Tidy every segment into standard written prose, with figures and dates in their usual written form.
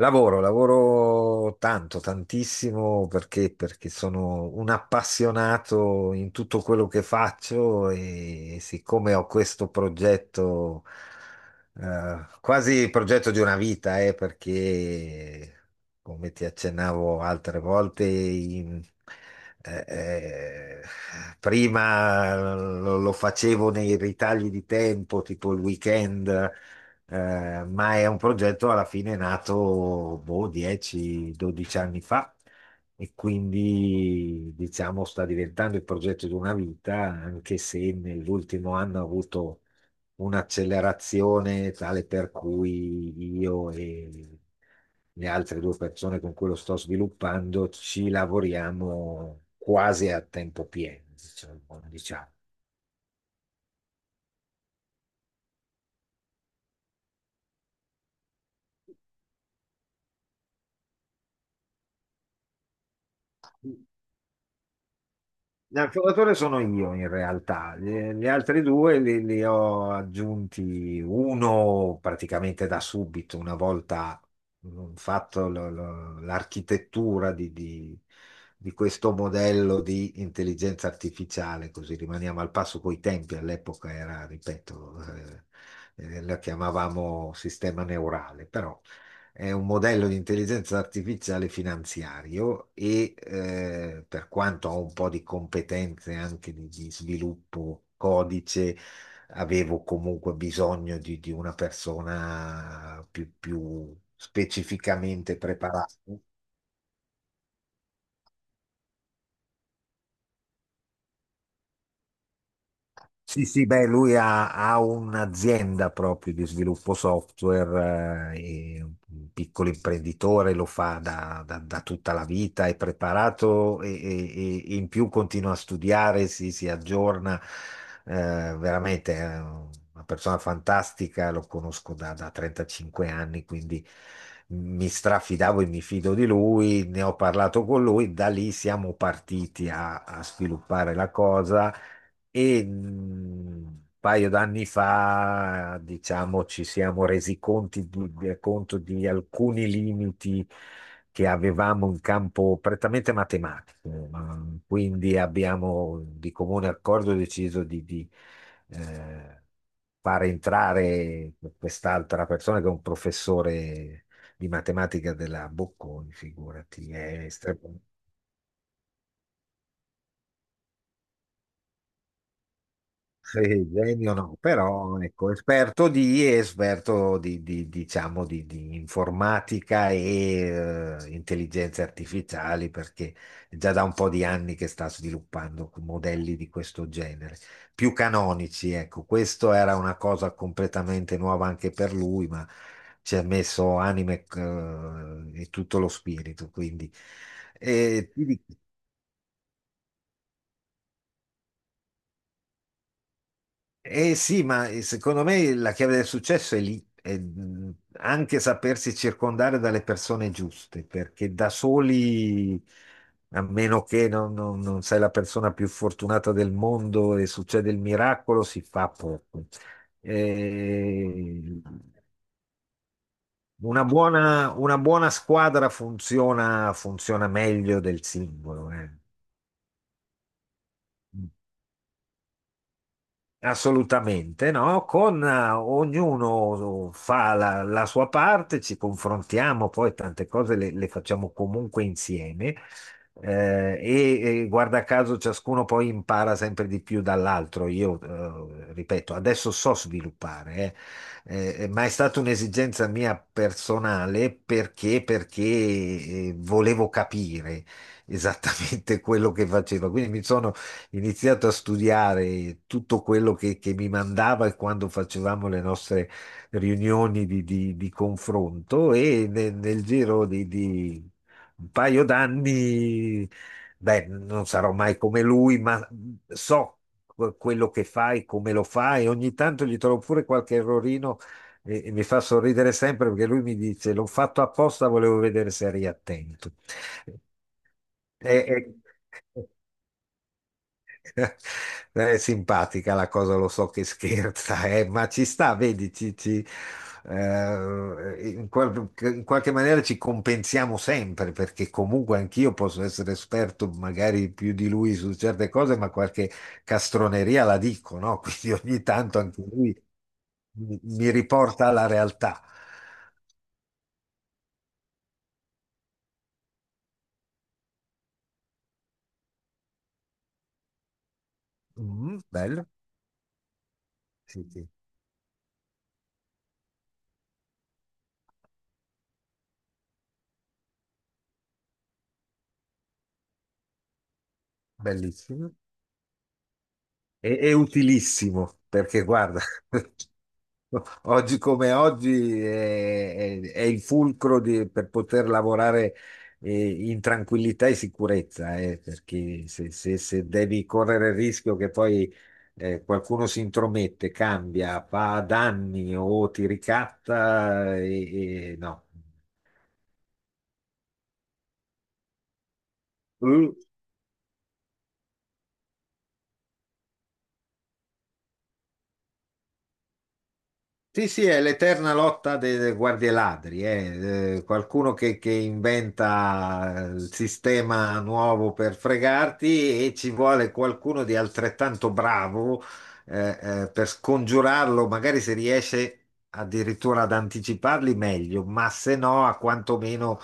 Lavoro, lavoro tanto, tantissimo perché, perché sono un appassionato in tutto quello che faccio e siccome ho questo progetto, quasi il progetto di una vita, perché come ti accennavo altre volte, eh, eh, prima lo facevo nei ritagli di tempo, tipo il weekend. Ma è un progetto alla fine nato boh, 10-12 anni fa e quindi diciamo sta diventando il progetto di una vita, anche se nell'ultimo anno ha avuto un'accelerazione tale per cui io e le altre due persone con cui lo sto sviluppando ci lavoriamo quasi a tempo pieno, diciamo. Diciamo. L'affidatore sono io in realtà, gli altri due li ho aggiunti uno praticamente da subito, una volta fatto l'architettura di questo modello di intelligenza artificiale, così rimaniamo al passo coi tempi, all'epoca era, ripeto, la chiamavamo sistema neurale, però è un modello di intelligenza artificiale finanziario e per quanto ho un po' di competenze anche di sviluppo codice, avevo comunque bisogno di una persona più specificamente preparata. Sì, sì, beh, lui ha un'azienda proprio di sviluppo software, è un piccolo imprenditore, lo fa da tutta la vita, è preparato e in più continua a studiare, si aggiorna, veramente è una persona fantastica, lo conosco da 35 anni, quindi mi strafidavo e mi fido di lui, ne ho parlato con lui, da lì siamo partiti a a sviluppare la cosa e un paio d'anni fa, diciamo, ci siamo resi conti conto di alcuni limiti che avevamo in campo prettamente matematico. Mm. Quindi abbiamo di comune accordo deciso eh, far entrare quest'altra persona che è un professore di matematica della Bocconi, figurati, è estremamente... Sì, genio no, però ecco, esperto diciamo, di informatica e intelligenze artificiali, perché è già da un po' di anni che sta sviluppando modelli di questo genere, più canonici, ecco, questo era una cosa completamente nuova anche per lui, ma ci ha messo anime e tutto lo spirito, quindi... E ti dico, eh sì, ma secondo me la chiave del successo è lì, è anche sapersi circondare dalle persone giuste, perché da soli, a meno che non sei la persona più fortunata del mondo e succede il miracolo, si fa poco. Eh, una buona squadra funziona, funziona meglio del singolo, eh. Assolutamente, no? Con ognuno fa la sua parte, ci confrontiamo, poi tante cose le facciamo comunque insieme e guarda caso ciascuno poi impara sempre di più dall'altro. Io, ripeto, adesso so sviluppare, ma è stata un'esigenza mia personale perché volevo capire esattamente quello che facevo, quindi mi sono iniziato a studiare tutto quello che mi mandava quando facevamo le nostre riunioni di confronto e nel giro di un paio d'anni, beh, non sarò mai come lui, ma so quello che fai, come lo fai, ogni tanto gli trovo pure qualche errorino. E mi fa sorridere sempre perché lui mi dice: "L'ho fatto apposta, volevo vedere se eri attento." E, e- È simpatica la cosa, lo so che scherza, ma ci sta, vedi, in qualche maniera ci compensiamo sempre, perché comunque anch'io posso essere esperto magari più di lui su certe cose, ma qualche castroneria la dico, no? Quindi ogni tanto anche lui mi riporta alla realtà. Mm, bello, sì, sì, bellissimo e utilissimo, perché guarda. Oggi come oggi è, è il fulcro di, per poter lavorare in tranquillità e sicurezza, perché se, se devi correre il rischio che poi qualcuno si intromette, cambia, fa danni o ti ricatta, e no. Sì, sì, è l'eterna lotta dei, dei guardie ladri, eh. Qualcuno che inventa il sistema nuovo per fregarti e ci vuole qualcuno di altrettanto bravo per scongiurarlo, magari se riesce addirittura ad anticiparli meglio, ma se no a quantomeno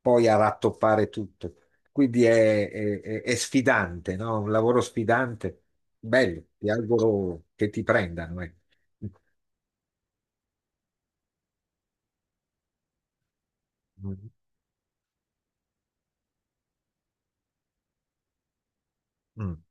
poi a rattoppare tutto. Quindi è, è sfidante, no? Un lavoro sfidante, bello, ti auguro che ti prendano, eh. Mm,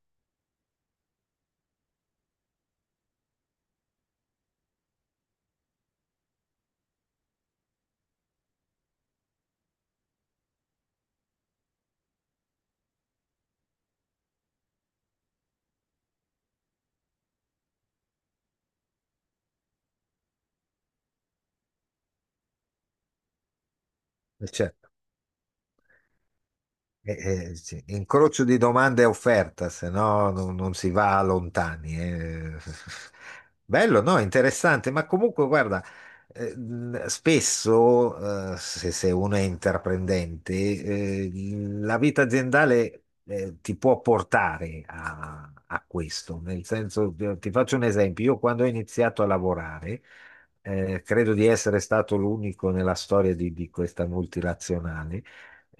certo. Eh, sì. Incrocio di domande e offerta, se no non si va lontani, eh. Bello, no? Interessante, ma comunque guarda, spesso se, uno è intraprendente, la vita aziendale ti può portare a questo. Nel senso, ti faccio un esempio, io quando ho iniziato a lavorare, credo di essere stato l'unico nella storia di questa multinazionale.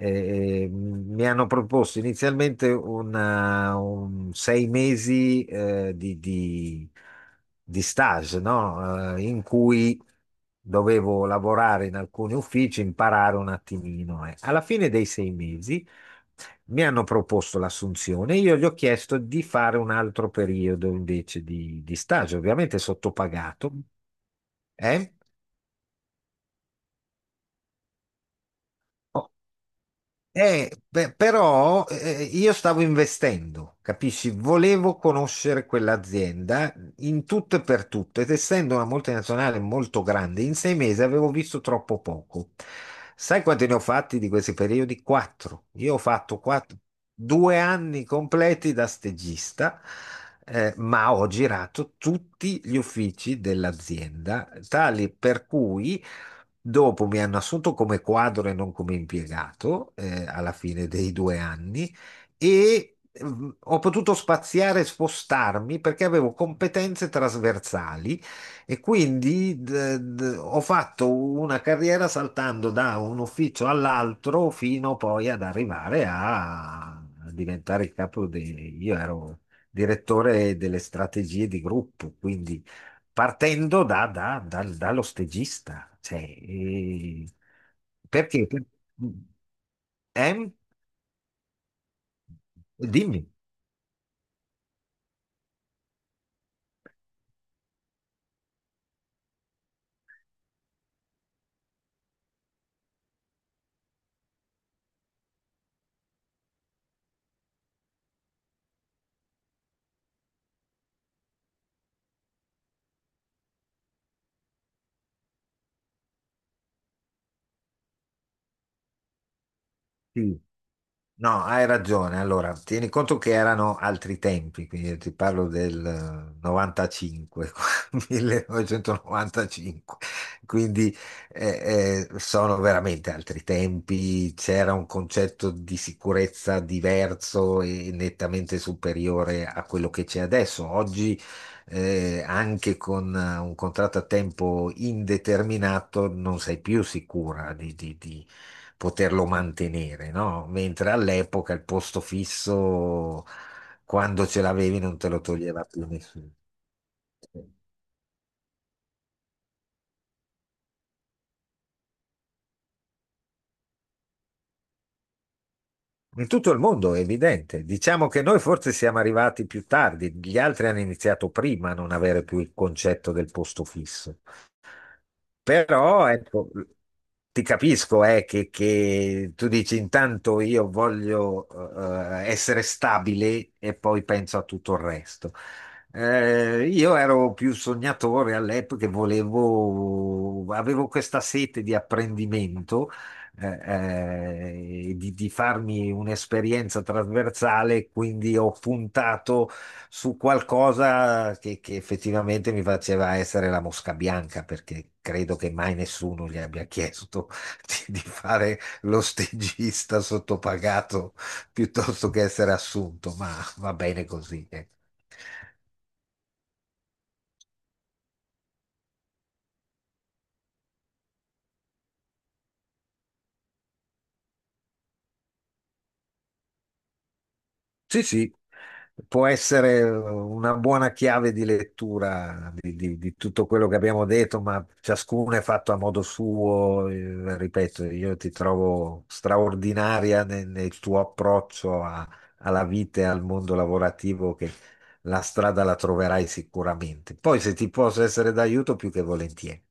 Mi hanno proposto inizialmente un sei mesi di stage, no? In cui dovevo lavorare in alcuni uffici, imparare un attimino, eh. Alla fine dei sei mesi mi hanno proposto l'assunzione, io gli ho chiesto di fare un altro periodo invece di stage, ovviamente sottopagato, eh. Beh, però io stavo investendo, capisci? Volevo conoscere quell'azienda in tutto e per tutto ed essendo una multinazionale molto grande, in sei mesi avevo visto troppo poco. Sai quanti ne ho fatti di questi periodi? Quattro. Io ho fatto quattro- due anni completi da stagista, ma ho girato tutti gli uffici dell'azienda, tali per cui dopo mi hanno assunto come quadro e non come impiegato, alla fine dei due anni e ho potuto spaziare e spostarmi perché avevo competenze trasversali e quindi ho fatto una carriera saltando da un ufficio all'altro fino poi ad arrivare a a diventare il capo di... Io ero direttore delle strategie di gruppo, quindi partendo dallo stagista. Cioè, perché? Eh? Dimmi. Sì. No, hai ragione. Allora, tieni conto che erano altri tempi, quindi io ti parlo del 95, 1995, quindi sono veramente altri tempi, c'era un concetto di sicurezza diverso e nettamente superiore a quello che c'è adesso. Oggi, anche con un contratto a tempo indeterminato, non sei più sicura poterlo mantenere, no? Mentre all'epoca il posto fisso, quando ce l'avevi, non te lo toglieva più nessuno. In tutto il mondo è evidente. Diciamo che noi forse siamo arrivati più tardi, gli altri hanno iniziato prima a non avere più il concetto del posto fisso. Però ecco, ti capisco che tu dici intanto io voglio essere stabile e poi penso a tutto il resto. Io ero più sognatore all'epoca, e volevo, avevo questa sete di apprendimento, di farmi un'esperienza trasversale, quindi ho puntato su qualcosa che effettivamente mi faceva essere la mosca bianca, perché credo che mai nessuno gli abbia chiesto di fare lo stagista sottopagato piuttosto che essere assunto, ma va bene così, ecco. Sì, sì, può essere una buona chiave di lettura di tutto quello che abbiamo detto, ma ciascuno è fatto a modo suo. Ripeto, io ti trovo straordinaria nel tuo approccio alla vita e al mondo lavorativo, che la strada la troverai sicuramente. Poi, se ti posso essere d'aiuto, più che volentieri.